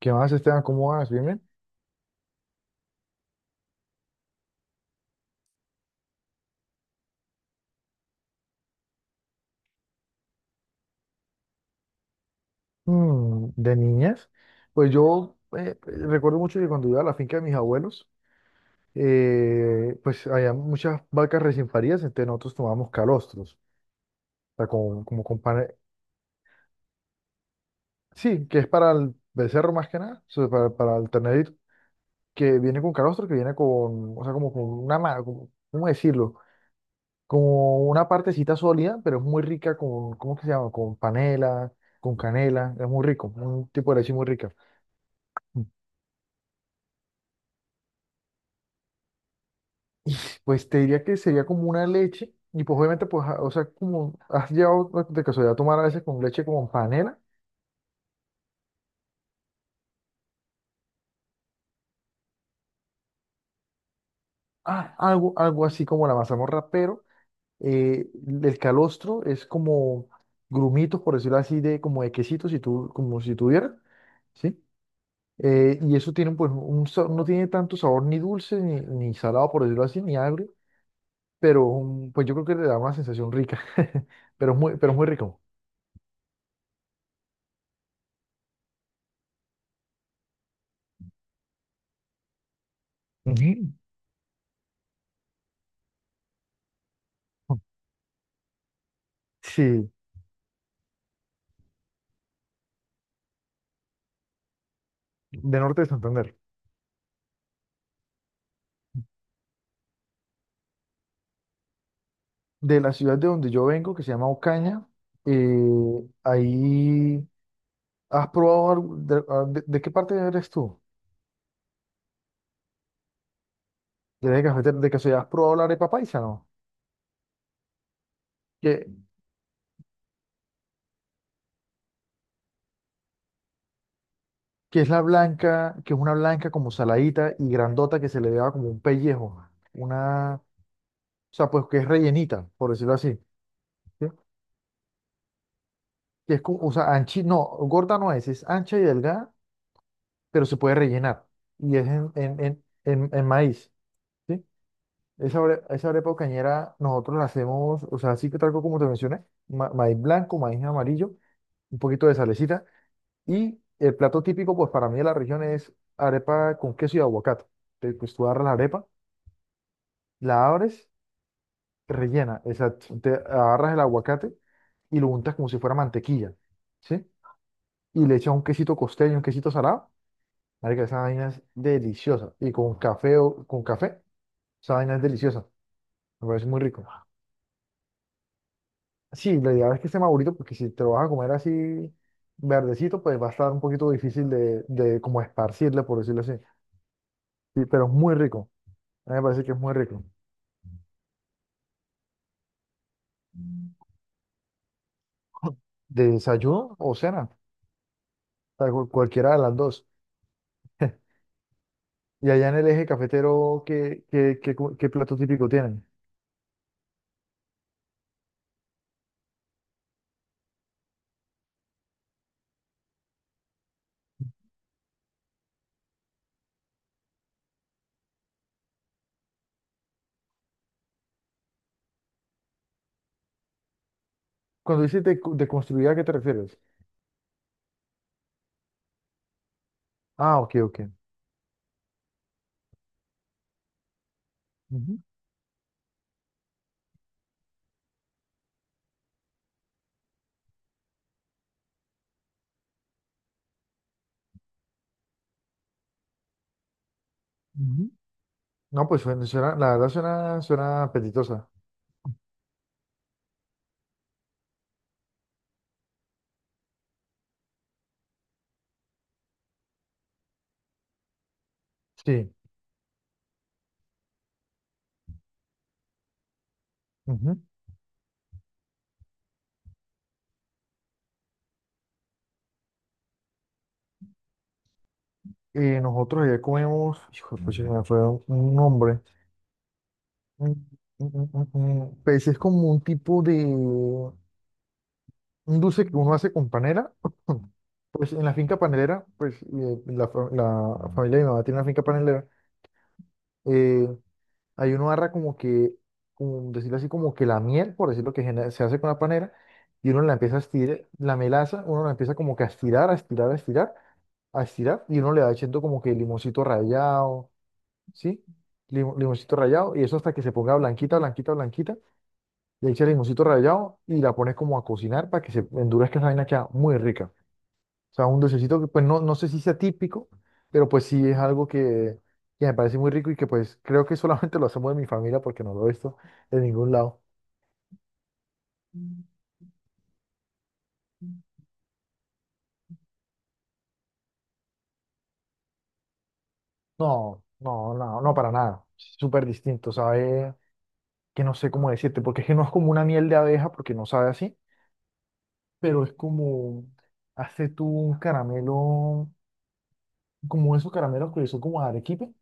¿Qué más, Esteban? ¿Cómo vas? ¿Bien, bien? ¿De niñas? Pues yo recuerdo mucho que cuando iba a la finca de mis abuelos, pues había muchas vacas recién paridas, entonces nosotros tomábamos calostros, o sea, como con sí, que es para el becerro más que nada, o sea, para el ternerito, que viene con calostro, que viene con, o sea, como con una, ¿cómo decirlo? Como una partecita sólida, pero es muy rica con, ¿cómo que se llama? Con panela, con canela, es muy rico, un tipo de leche muy rica. Y pues te diría que sería como una leche y pues obviamente pues, o sea, como has llegado de casualidad a tomar a veces con leche como panela, algo así como la mazamorra, pero el calostro es como grumitos, por decirlo así, de como de quesito, si tú, como si tuvieras, ¿sí? Y eso tiene pues un, no tiene tanto sabor ni dulce, ni salado, por decirlo así, ni agrio, pero pues yo creo que le da una sensación rica, pero es muy rico. Ujú. Sí, de Norte de Santander. De la ciudad de donde yo vengo, que se llama Ocaña. eh, ahí has probado, ¿de qué parte eres tú? ¿De, cafetero? ¿De casualidad has probado la arepa paisa, no? Que, que es la blanca, que es una blanca como saladita y grandota que se le da como un pellejo. Una, o sea, pues que es rellenita, por decirlo así. ¿Sí? Que es como, o sea, anchi, no, gorda no es, es ancha y delgada, pero se puede rellenar. Y es en maíz. ¿Sí? Esa, esa arepa cañera nosotros la hacemos, o sea, así que tal cual como te mencioné, maíz blanco, maíz amarillo, un poquito de salecita y el plato típico pues para mí de la región es arepa con queso y aguacate. Entonces, pues tú agarras la arepa, la abres, rellena, exacto, te agarras el aguacate y lo untas como si fuera mantequilla, ¿sí? Y le echas un quesito costeño, un quesito salado, marica, esa vaina es deliciosa y con café o con café, esa vaina es deliciosa, me parece muy rico. Sí, la idea es que esté madurito, porque si te lo vas a comer así verdecito, pues va a estar un poquito difícil de como esparcirle, por decirlo así. Sí, pero es muy rico. A mí me parece que es muy rico. ¿De desayuno o cena? O sea, cualquiera de las dos. Y allá en el eje cafetero, ¿qué, qué plato típico tienen? Cuando dices de construir, ¿a qué te refieres? Ah, ok, ok. Ujú, ujú. No, pues suena, la verdad suena, suena apetitosa. Sí. Nosotros allá comemos, hijo de pucha, se me fue un nombre, Mm, mm, mm. Pues es como un tipo de, un dulce que uno hace con panela, pues en la finca panelera, pues la familia de mi mamá tiene una finca panelera, eh, ahí uno agarra como que, como decirlo así, como que la miel, por decirlo que se hace con la panela, y uno la empieza a estirar, la melaza, uno la empieza como que a estirar, a estirar, a estirar, a estirar, y uno le va echando como que limoncito rallado, ¿sí? Limoncito rallado y eso hasta que se ponga blanquita, blanquita, blanquita. Le echas limoncito rallado y la pones como a cocinar para que se endurezca, esa vaina queda muy rica. O sea, un dulcecito que pues no, no sé si sea típico, pero pues sí es algo que me parece muy rico y que pues creo que solamente lo hacemos en mi familia porque no lo he visto de ningún lado. No, no, no, no para nada. Súper distinto, sabe que no sé cómo decirte, porque es que no es como una miel de abeja porque no sabe así, pero es como hace tú un caramelo, como esos caramelos que son como arequipe,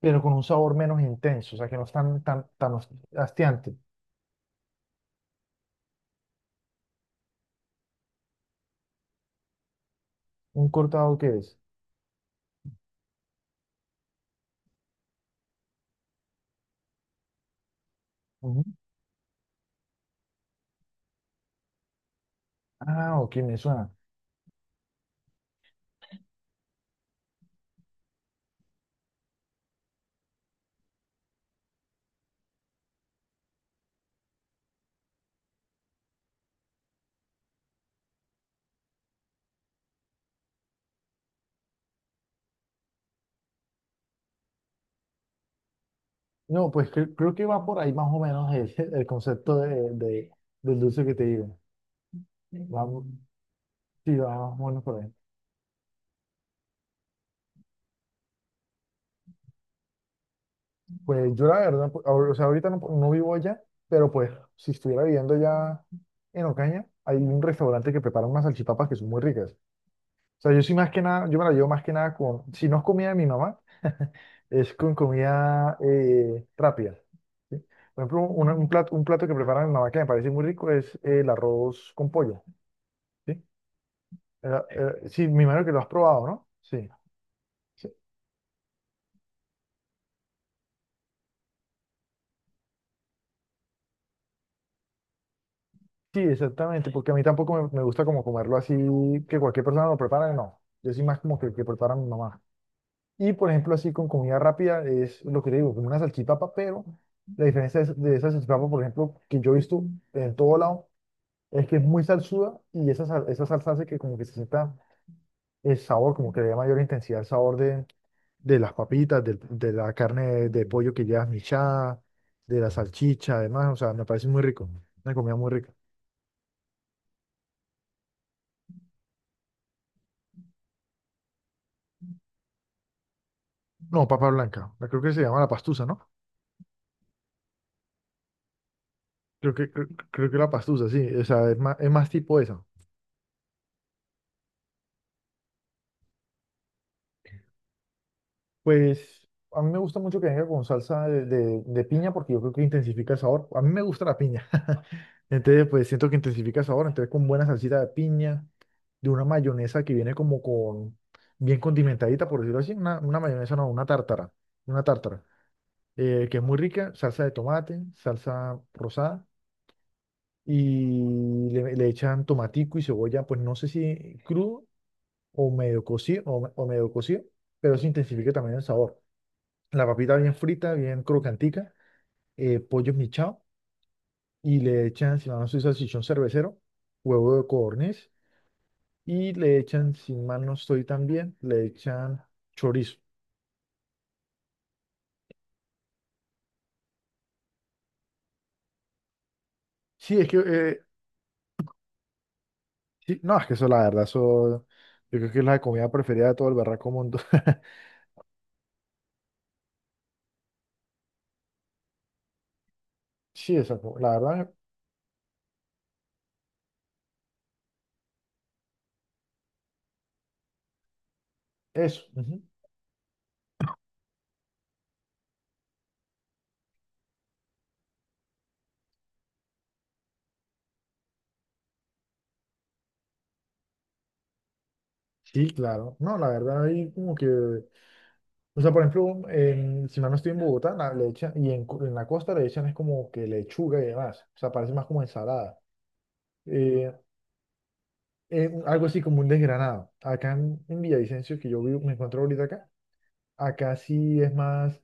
pero con un sabor menos intenso, o sea, que no es tan, tan, tan hastiante. ¿Un cortado que es? Ujú. Ah, ok, me suena. No, pues creo que va por ahí más o menos el, el concepto de, del dulce que te digo. Vamos, sí, va más o menos por ahí. Pues yo la verdad, pues, o sea, ahorita no, no vivo allá, pero pues si estuviera viviendo allá en Ocaña, hay un restaurante que prepara unas salchipapas que son muy ricas. O sea, yo sí más que nada, yo me la llevo más que nada con, si no es comida de mi mamá, es con comida rápida. ¿Sí? Por ejemplo, un plato que prepara mi mamá que me parece muy rico es el arroz con pollo. ¿Sí? Sí, me imagino que lo has probado, ¿no? Sí. Sí, sí, exactamente, porque a mí tampoco me gusta como comerlo así, que cualquier persona lo prepara, no. Yo sí más como que prepara mi mamá. Y por ejemplo, así con comida rápida es lo que te digo, como una salchipapa, pero la diferencia de esa salchipapa, por ejemplo, que yo he visto en todo lado, es que es muy salsuda y esa, esa salsa hace que como que se sienta el sabor, como que le da mayor intensidad al sabor de las papitas, la carne de pollo que llevas michada, de la salchicha, además, o sea, me parece muy rico, una comida muy rica. No, papa blanca, creo que se llama la pastusa, ¿no? Creo que, creo, creo que la pastusa, sí, o sea, es más tipo esa. Pues a mí me gusta mucho que venga con salsa de piña porque yo creo que intensifica el sabor. A mí me gusta la piña. Entonces, pues siento que intensifica el sabor. Entonces, con buena salsita de piña, de una mayonesa que viene como con, bien condimentadita, por decirlo así. Una mayonesa, no, una tártara. Una tártara. Que es muy rica, salsa de tomate, salsa rosada. Y le echan tomatico y cebolla, pues no sé si crudo o medio cocido, o medio cocido, pero eso intensifica también el sabor, la papita bien frita, bien crocantica, pollo esmechado, y le echan, si mal no estoy, salchichón cervecero, huevo de codorniz, y le echan, si mal no estoy también, le echan chorizo. Sí, es que, sí, no, es que eso, la verdad, eso, yo creo que es la comida preferida de todo el berraco mundo. Sí, esa, la verdad, eso. Ujú. Sí, claro. No, la verdad, ahí como que, o sea, por ejemplo, si mal no estoy en Bogotá, la, le echan, y en, en la costa le echan es como que lechuga y demás, o sea, parece más como ensalada. eh, algo así como un desgranado. Acá en Villavicencio, que yo vivo, me encuentro ahorita acá, acá sí es más,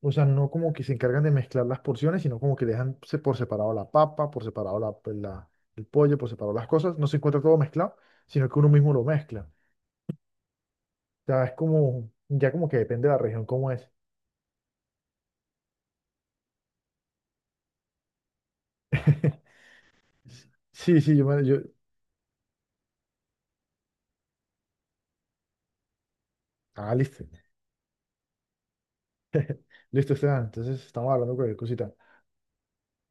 o sea, no como que se encargan de mezclar las porciones, sino como que dejan por separado la papa, por separado el pollo, por separado las cosas, no se encuentra todo mezclado, sino que uno mismo lo mezcla. O sea, es como, ya como que depende de la región cómo es. Sí, sí, yo, me- yo, ah, listo, listo, Esteban, entonces estamos hablando de cualquier cosita.